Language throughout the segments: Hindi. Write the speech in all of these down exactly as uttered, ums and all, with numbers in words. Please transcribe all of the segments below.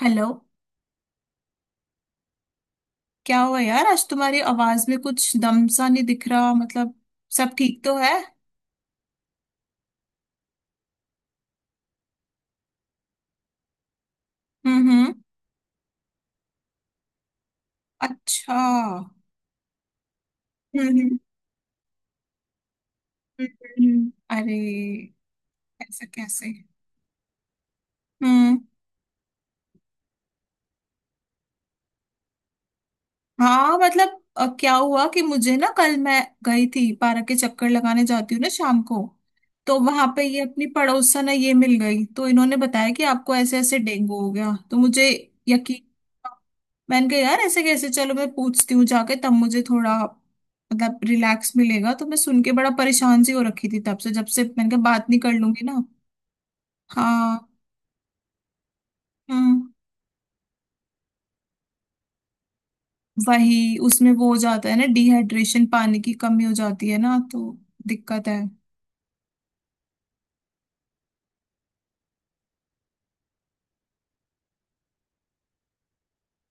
हेलो। क्या हुआ यार? आज तुम्हारी आवाज में कुछ दम सा नहीं दिख रहा, मतलब सब ठीक तो है? हम्म। हम्म। अच्छा। हम्म। हम्म। हम्म, हम्म, अरे, ऐसा कैसे? हम्म। हाँ मतलब अ, क्या हुआ कि मुझे ना, कल मैं गई थी पार्क के चक्कर लगाने, जाती हूँ ना शाम को, तो वहां पे ये अपनी पड़ोसन है, ये मिल गई तो इन्होंने बताया कि आपको ऐसे ऐसे डेंगू हो गया, तो मुझे यकीन। मैंने कहा यार ऐसे कैसे, चलो मैं पूछती हूँ जाके, तब मुझे थोड़ा मतलब रिलैक्स मिलेगा, तो मैं सुन के बड़ा परेशान सी हो रखी थी तब से, जब से। मैंने कहा बात नहीं कर लूंगी ना। हाँ। हम्म। वही उसमें वो हो जाता है ना, डिहाइड्रेशन, पानी की कमी हो जाती है ना तो दिक्कत है।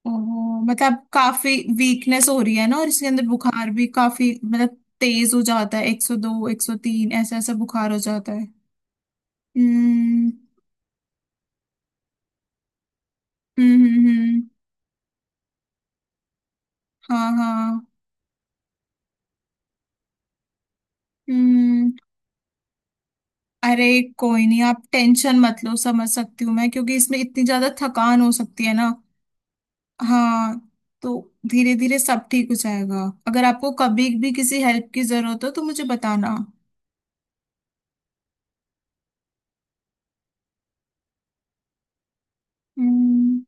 ओहो, मतलब काफी वीकनेस हो रही है ना, और इसके अंदर बुखार भी काफी मतलब तेज हो जाता है, एक सौ दो एक सौ तीन ऐसा ऐसा बुखार हो जाता है। हम्म हम्म हम्म, हम्म, हाँ हाँ। हम्म। अरे, कोई नहीं, आप टेंशन मत लो, समझ सकती हूँ मैं, क्योंकि इसमें इतनी ज्यादा थकान हो सकती है ना। हाँ, तो धीरे धीरे सब ठीक हो जाएगा। अगर आपको कभी भी किसी हेल्प की जरूरत हो तो मुझे बताना। हम्म।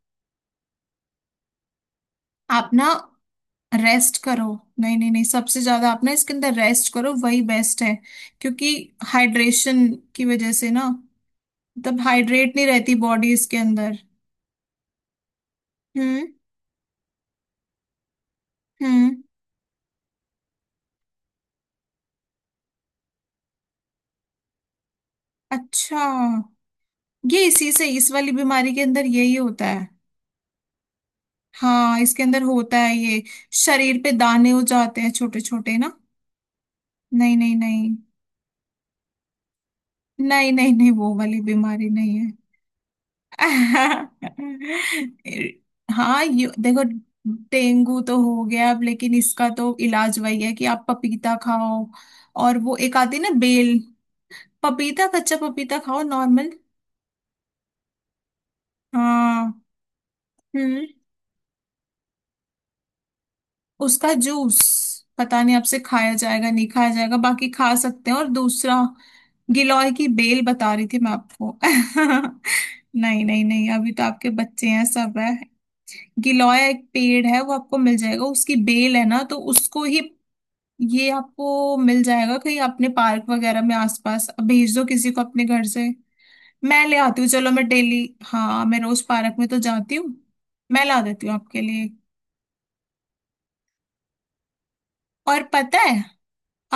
आप ना रेस्ट करो। नहीं नहीं नहीं, सबसे ज्यादा आप ना इसके अंदर रेस्ट करो, वही बेस्ट है। क्योंकि हाइड्रेशन की वजह से ना, मतलब हाइड्रेट नहीं रहती बॉडी इसके अंदर। हम्म। हम्म। अच्छा, ये इसी से, इस वाली बीमारी के अंदर यही होता है। हाँ, इसके अंदर होता है ये, शरीर पे दाने हो जाते हैं छोटे छोटे ना। नहीं नहीं नहीं, नहीं नहीं नहीं, वो वाली बीमारी नहीं। हाँ, यू देखो, डेंगू तो हो गया अब, लेकिन इसका तो इलाज वही है कि आप पपीता खाओ, और वो एक आती है ना बेल। पपीता, कच्चा पपीता खाओ नॉर्मल। हाँ। हम्म। उसका जूस, पता नहीं आपसे खाया जाएगा नहीं खाया जाएगा, बाकी खा सकते हैं। और दूसरा गिलोय की बेल बता रही थी मैं आपको। नहीं नहीं नहीं, अभी तो आपके बच्चे हैं, सब है। गिलोय एक पेड़ है, वो आपको मिल जाएगा, उसकी बेल है ना तो उसको ही। ये आपको मिल जाएगा कहीं, अपने पार्क वगैरह में आसपास, अब भेज दो किसी को अपने घर से। मैं ले आती हूँ, चलो मैं डेली। हाँ, मैं रोज पार्क में तो जाती हूँ, मैं ला देती हूँ आपके लिए। और पता है,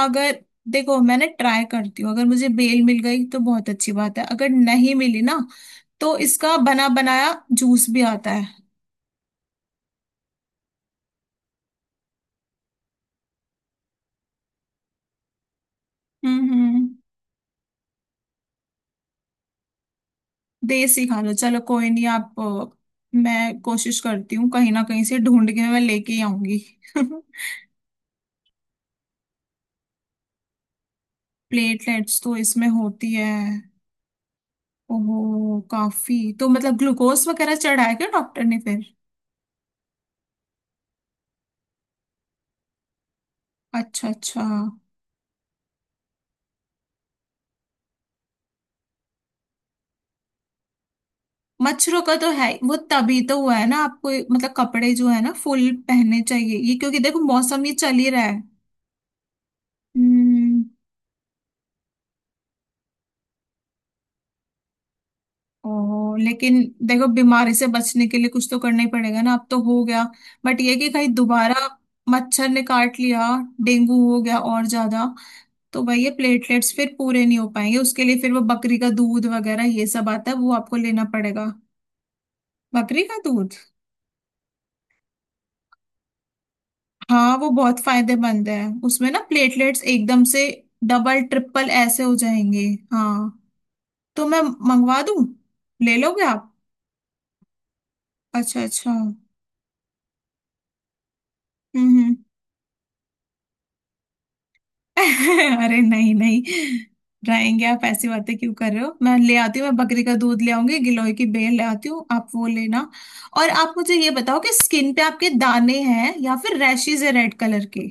अगर देखो, मैंने, ट्राई करती हूँ, अगर मुझे बेल मिल गई तो बहुत अच्छी बात है, अगर नहीं मिली ना, तो इसका बना बनाया जूस भी आता है। हम्म हम्म हम्म। देसी खाना, चलो कोई नहीं, आप, अ, मैं कोशिश करती हूँ कहीं ना कहीं से ढूंढ के मैं लेके आऊंगी। प्लेटलेट्स तो इसमें होती है। ओहो, काफी तो मतलब, ग्लूकोज वगैरह चढ़ाया क्या डॉक्टर ने फिर? अच्छा अच्छा। मच्छरों का तो है ही, वो तभी तो हुआ है ना आपको, मतलब कपड़े जो है ना फुल पहनने चाहिए ये, क्योंकि देखो मौसम ये चल ही रहा है। हम्म। ओ, लेकिन देखो, बीमारी से बचने के लिए कुछ तो करना ही पड़ेगा ना, अब तो हो गया, बट ये कि कहीं दोबारा मच्छर ने काट लिया, डेंगू हो गया और ज्यादा, तो भाई ये प्लेटलेट्स फिर पूरे नहीं हो पाएंगे, उसके लिए फिर वो बकरी का दूध वगैरह ये सब आता है, वो आपको लेना पड़ेगा। बकरी का दूध, हाँ वो बहुत फायदेमंद है, उसमें ना प्लेटलेट्स एकदम से डबल ट्रिपल ऐसे हो जाएंगे। हाँ, तो मैं मंगवा दूं, ले लोगे आप? अच्छा अच्छा। हम्म। हम्म। अरे नहीं नहीं, रहेंगे आप, ऐसी बातें क्यों कर रहे हो? मैं ले आती हूँ, मैं बकरी का दूध ले आऊंगी, गिलोय की बेल ले आती हूँ, आप वो लेना। और आप मुझे ये बताओ कि स्किन पे आपके दाने हैं या फिर रैशेज है रेड कलर के?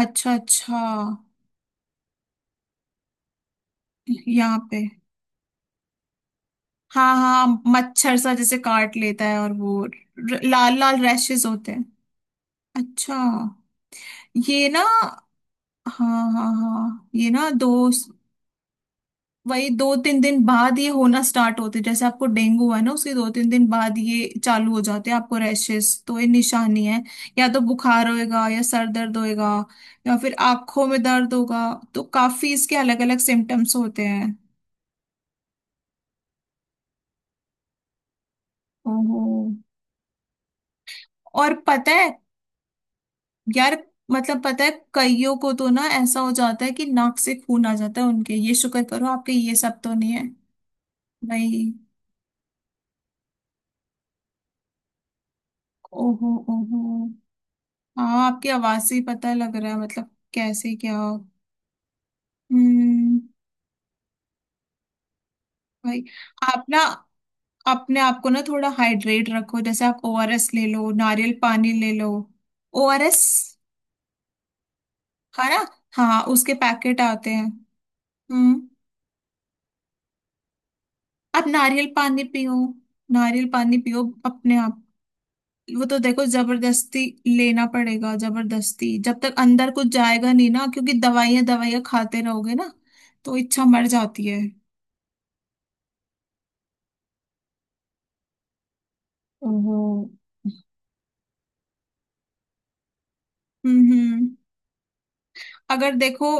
अच्छा अच्छा, यहाँ पे। हाँ हाँ, मच्छर सा जैसे काट लेता है, और वो र- लाल लाल रैशेज होते हैं। अच्छा, ये ना, हाँ हाँ हाँ, ये ना दो, वही दो तीन दिन बाद ये होना स्टार्ट होते, जैसे आपको डेंगू है ना, उसके दो तीन दिन बाद ये चालू हो जाते हैं आपको रैशेस, तो ये निशानी है। या तो बुखार होएगा, या सर दर्द होएगा, या फिर आंखों में दर्द होगा। तो काफी इसके अलग अलग सिम्टम्स होते हैं। ओहो। और पता है यार, मतलब पता है कईयों को तो ना ऐसा हो जाता है कि नाक से खून आ जाता है उनके, ये शुक्र करो आपके ये सब तो नहीं है। भाई। ओहो ओहो। हाँ, आपकी आवाज से ही पता लग रहा है, मतलब कैसे क्या। हम्म। भाई, आप ना अपने आप को ना थोड़ा हाइड्रेट रखो, जैसे आप ओ आर एस ले लो, नारियल पानी ले लो। ओ आर एस, है ना, हाँ उसके पैकेट आते हैं। हम्म। आप नारियल पानी पियो, नारियल पानी पियो अपने आप, वो तो देखो जबरदस्ती लेना पड़ेगा, जबरदस्ती, जब तक अंदर कुछ जाएगा नहीं ना, क्योंकि दवाइयां दवाइयां खाते रहोगे ना, तो इच्छा मर जाती है। हम्म। हम्म। अगर देखो,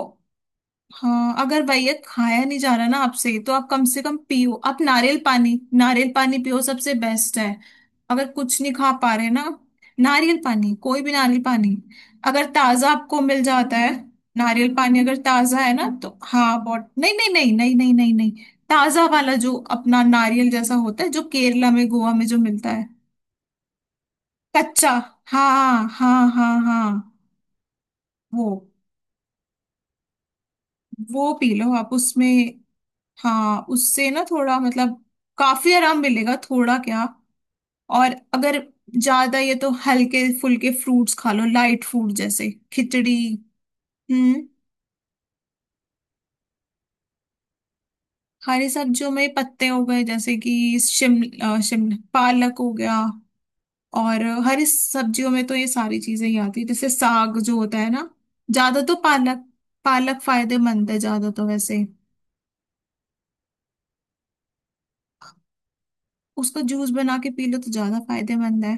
हाँ, अगर भैया खाया नहीं जा रहा ना आपसे, तो आप कम से कम पियो, आप नारियल पानी, नारियल पानी पियो, सबसे बेस्ट है, अगर कुछ नहीं खा पा रहे ना। नारियल पानी, कोई भी नारियल पानी, अगर ताजा आपको मिल जाता है, नारियल पानी अगर ताजा है ना तो हाँ बहुत, नहीं नहीं नहीं नहीं नहीं नहीं नहीं, ताजा वाला जो अपना नारियल जैसा होता है, जो केरला में, गोवा में जो मिलता है, कच्चा, हाँ हाँ हाँ हाँ वो वो पी लो आप उसमें। हाँ, उससे ना थोड़ा मतलब काफी आराम मिलेगा, थोड़ा क्या। और अगर ज्यादा ये, तो हल्के फुल्के फ्रूट्स खा लो, लाइट फूड जैसे खिचड़ी। हम्म। हरी सब्जियों में पत्ते हो गए, जैसे कि शिमला शिमला पालक हो गया, और हरी सब्जियों में तो ये सारी चीजें ही आती है, जैसे साग जो होता है ना। ज्यादा तो पालक, पालक फायदेमंद है ज्यादा तो वैसे। उसका जूस बना के पी लो तो ज्यादा फायदेमंद है।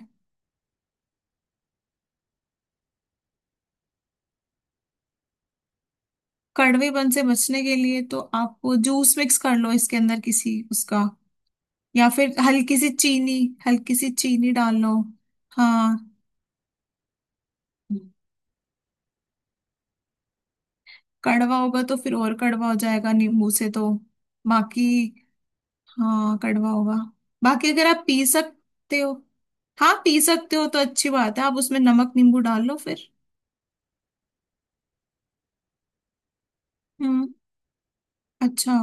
कड़वेपन से बचने के लिए तो आप वो जूस मिक्स कर लो इसके अंदर किसी उसका, या फिर हल्की सी चीनी, हल्की सी चीनी डाल लो। हाँ। कड़वा होगा तो फिर और कड़वा हो जाएगा नींबू से तो। बाकी, हाँ कड़वा होगा। बाकी अगर आप पी सकते हो, हाँ पी सकते हो तो अच्छी बात है, आप उसमें नमक नींबू डाल लो फिर। हम्म। अच्छा।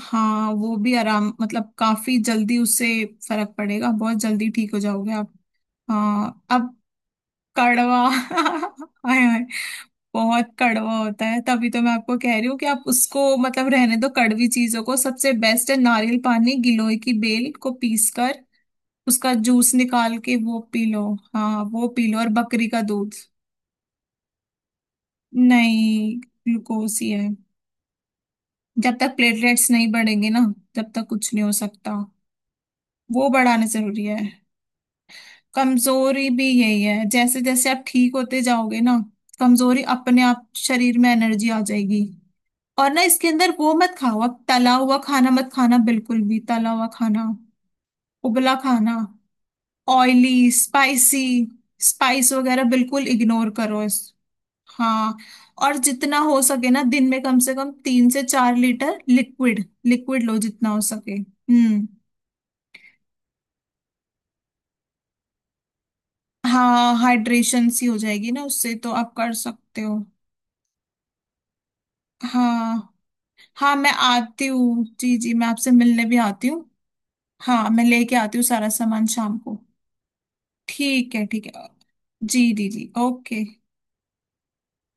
हाँ वो भी आराम, मतलब काफी जल्दी उससे फर्क पड़ेगा, बहुत जल्दी ठीक हो जाओगे आप। हाँ, अब कड़वा। हाय हाय, बहुत कड़वा होता है, तभी तो मैं आपको कह रही हूँ कि आप उसको मतलब रहने दो कड़वी चीजों को, सबसे बेस्ट है नारियल पानी, गिलोय की बेल को पीस कर उसका जूस निकाल के वो पी लो। हाँ, वो पी लो और बकरी का दूध। नहीं, ग्लूकोज ही है। जब तक प्लेटलेट्स नहीं बढ़ेंगे ना, तब तक कुछ नहीं हो सकता, वो बढ़ाना जरूरी है। कमजोरी भी यही है, जैसे जैसे आप ठीक होते जाओगे ना, कमजोरी अपने आप, शरीर में एनर्जी आ जाएगी। और ना, इसके अंदर वो मत खाओ, अब तला हुआ खाना मत खाना, बिल्कुल भी तला हुआ खाना, उबला खाना, ऑयली स्पाइसी स्पाइस वगैरह बिल्कुल इग्नोर करो इस। हाँ। और जितना हो सके ना, दिन में कम से कम तीन से चार लीटर लिक्विड, लिक्विड लो जितना हो सके। हम्म। हाँ, हाइड्रेशन सी हो जाएगी ना उससे, तो आप कर सकते हो। हाँ हाँ, मैं आती हूँ, जी जी, मैं आपसे मिलने भी आती हूँ। हाँ, मैं लेके आती हूँ सारा सामान शाम को। ठीक है, ठीक है। जी जी जी, ओके।